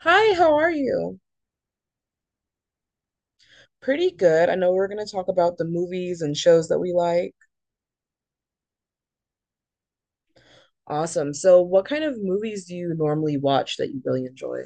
Hi, how are you? Pretty good. I know we're going to talk about the movies and shows that we like. Awesome. So, what kind of movies do you normally watch that you really enjoy?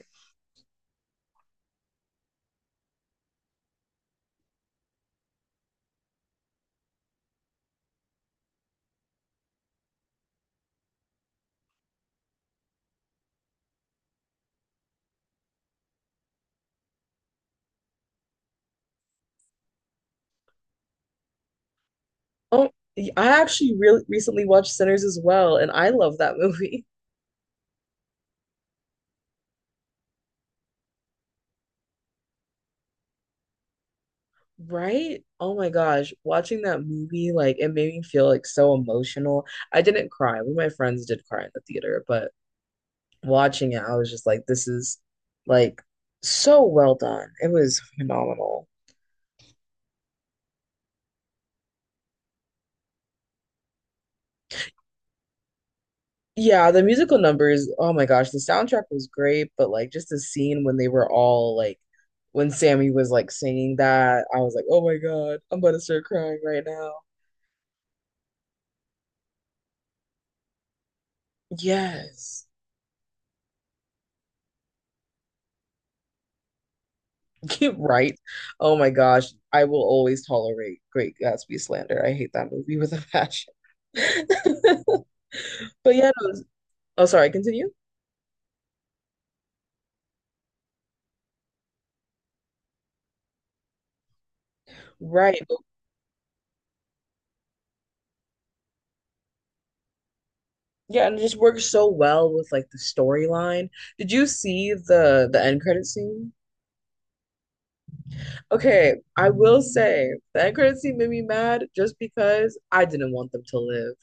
Oh, I actually really recently watched Sinners as well, and I love that movie. Right? Oh my gosh, watching that movie, like it made me feel like so emotional. I didn't cry. One of my friends did cry in the theater, but watching it, I was just like, this is like so well done. It was phenomenal. Yeah, the musical numbers, oh my gosh, the soundtrack was great, but like just the scene when they were all like when Sammy was like singing that, I was like, "Oh my God, I'm about to start crying right now." Yes. Right. Oh my gosh, I will always tolerate Great Gatsby slander. I hate that movie with a passion. But yeah, no, oh sorry, continue. Right. But yeah, and it just works so well with like the storyline. Did you see the end credit scene? Okay, I will say that credit scene made me mad just because I didn't want them to live.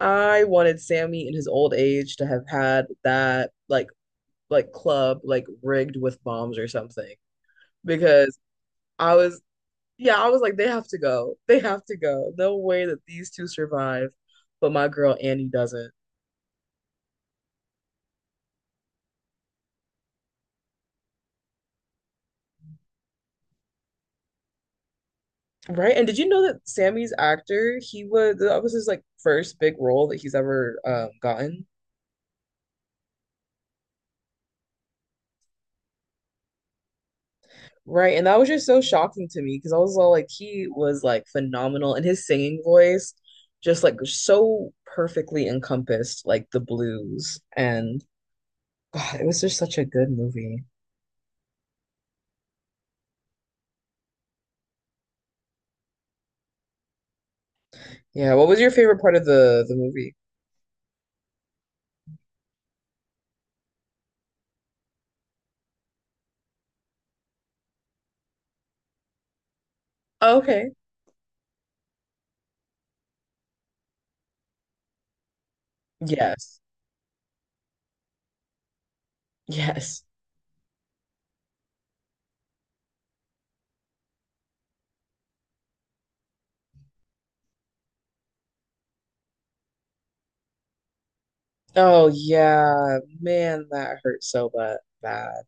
I wanted Sammy in his old age to have had that like club like rigged with bombs or something because I was yeah, I was like they have to go. They have to go. No way that these two survive, but my girl Annie doesn't. Right? And did you know that Sammy's actor, he was that was his like first big role that he's ever gotten? Right. And that was just so shocking to me because I was all like, he was like phenomenal and his singing voice just like so perfectly encompassed like the blues. And God, it was just such a good movie. Yeah. What was your favorite part of the movie? Oh, okay. Yes. Yes. Oh yeah. Man, that hurt so bad. Bad.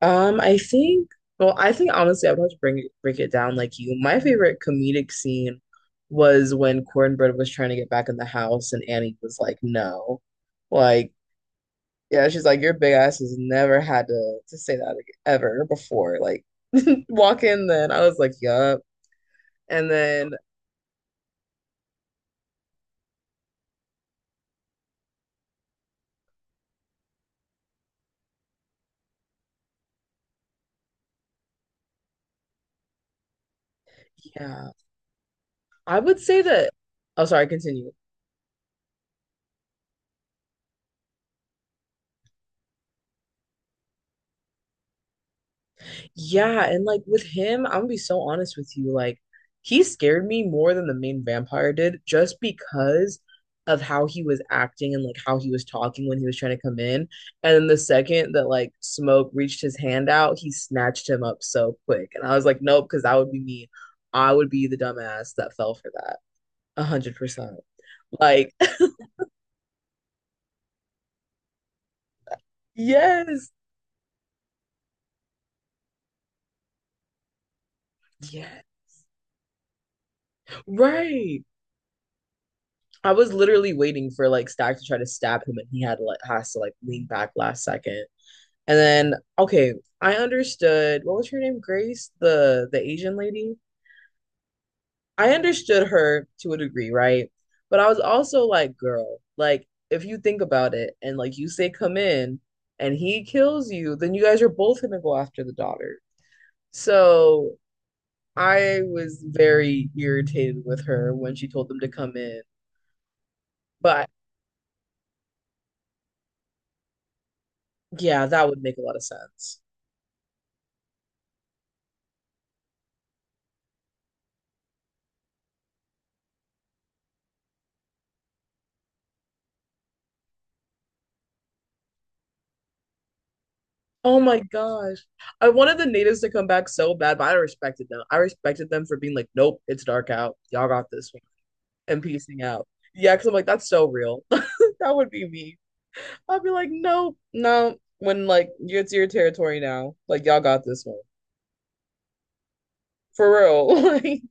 I think, well, I think honestly, I would have to break it down like you. My favorite comedic scene was when Cornbread was trying to get back in the house and Annie was like, no. Like, yeah, she's like, your big ass has never had to say that ever before. Like, walk in then. I was like, yup. And then, yeah, I would say that, oh, sorry, continue. Yeah, and like with him, I'm gonna be so honest with you. Like, he scared me more than the main vampire did just because of how he was acting and like how he was talking when he was trying to come in. And then the second that like Smoke reached his hand out, he snatched him up so quick. And I was like, nope, because that would be me. I would be the dumbass that fell for that. 100%. Like, yes, yeah, right. I was literally waiting for like Stack to try to stab him, and he had to like has to like lean back last second. And then, okay, I understood what was her name? Grace, the Asian lady. I understood her to a degree, right? But I was also like, girl, like if you think about it and like you say come in and he kills you, then you guys are both gonna go after the daughter. So I was very irritated with her when she told them to come in. But yeah, that would make a lot of sense. Oh my gosh. I wanted the natives to come back so bad, but I respected them. I respected them for being like, nope, it's dark out. Y'all got this one. And peacing out. Yeah, because I'm like, that's so real. That would be me. I'd be like, nope, no. When like it's your territory now, like y'all got this one. For real. Like,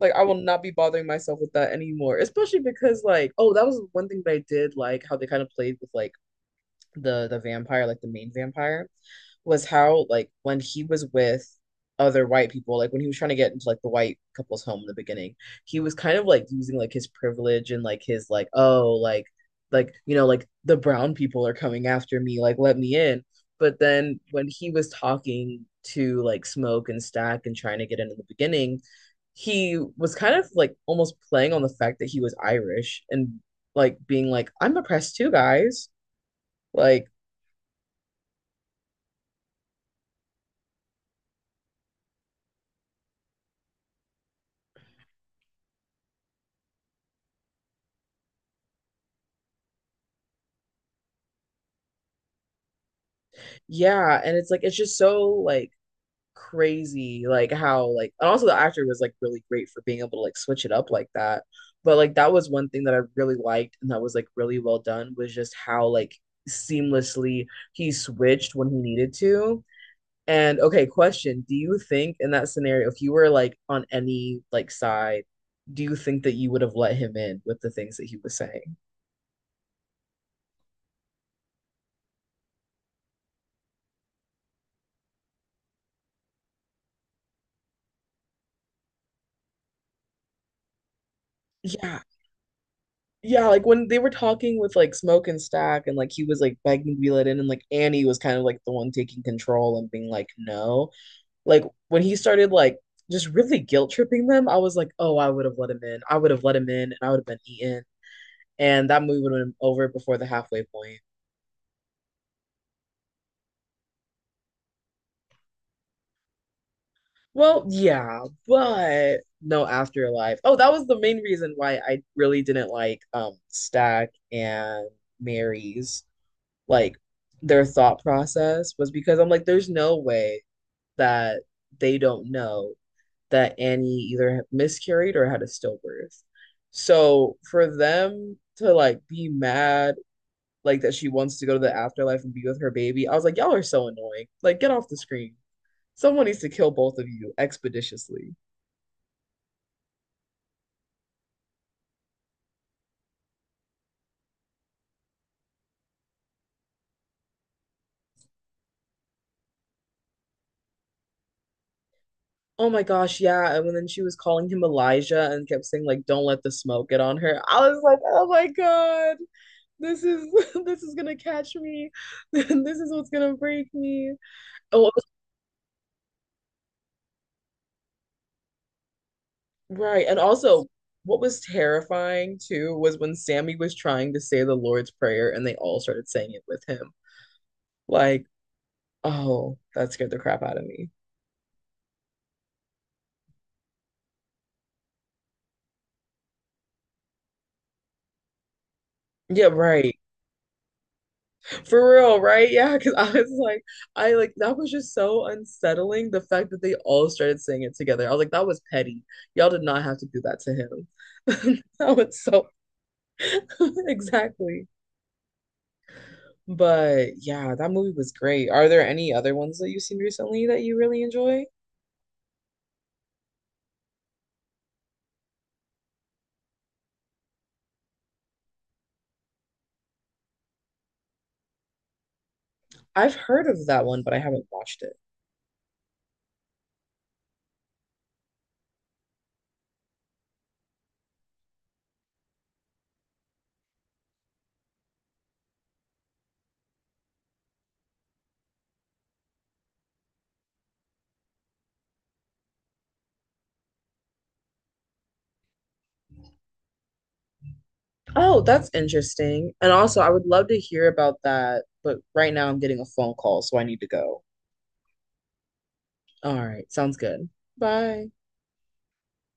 I will not be bothering myself with that anymore. Especially because like, oh, that was one thing that I did like how they kind of played with like the vampire, like the main vampire, was how like when he was with other white people, like when he was trying to get into like the white couple's home in the beginning, he was kind of like using like his privilege and like his like, oh, like you know, like the brown people are coming after me, like let me in. But then when he was talking to like Smoke and Stack and trying to get in the beginning, he was kind of like almost playing on the fact that he was Irish and like being like, I'm oppressed too, guys, like. Yeah, and it's like it's just so like crazy, like how like and also the actor was like really great for being able to like switch it up like that. But like that was one thing that I really liked and that was like really well done was just how like seamlessly he switched when he needed to. And okay, question, do you think in that scenario if you were like on any like side, do you think that you would have let him in with the things that he was saying? Yeah, yeah, like when they were talking with like Smoke and Stack, and like he was like begging to be let in, and like Annie was kind of like the one taking control and being like, no. Like when he started like just really guilt tripping them, I was like, oh, I would have let him in. I would have let him in, and I would have been eaten, and that movie would have been over before the halfway point. Well, yeah, but no afterlife. Oh, that was the main reason why I really didn't like Stack and Mary's like their thought process was because I'm like, there's no way that they don't know that Annie either miscarried or had a stillbirth. So for them to like be mad, like that she wants to go to the afterlife and be with her baby, I was like, y'all are so annoying. Like, get off the screen. Someone needs to kill both of you expeditiously. Oh my gosh, yeah. And then she was calling him Elijah and kept saying, like, don't let the smoke get on her. I was like, oh my God. This is this is gonna catch me. This is what's gonna break me. Oh, right. And also, what was terrifying too was when Sammy was trying to say the Lord's Prayer and they all started saying it with him. Like, oh, that scared the crap out of me. Yeah, right. For real, right? Yeah, because I was like, I like that was just so unsettling. The fact that they all started saying it together. I was like, that was petty. Y'all did not have to do that to him. That was so exactly. But yeah, that movie was great. Are there any other ones that you've seen recently that you really enjoy? I've heard of that one, but I haven't watched it. Oh, that's interesting. And also, I would love to hear about that, but right now I'm getting a phone call, so I need to go. All right, sounds good. Bye.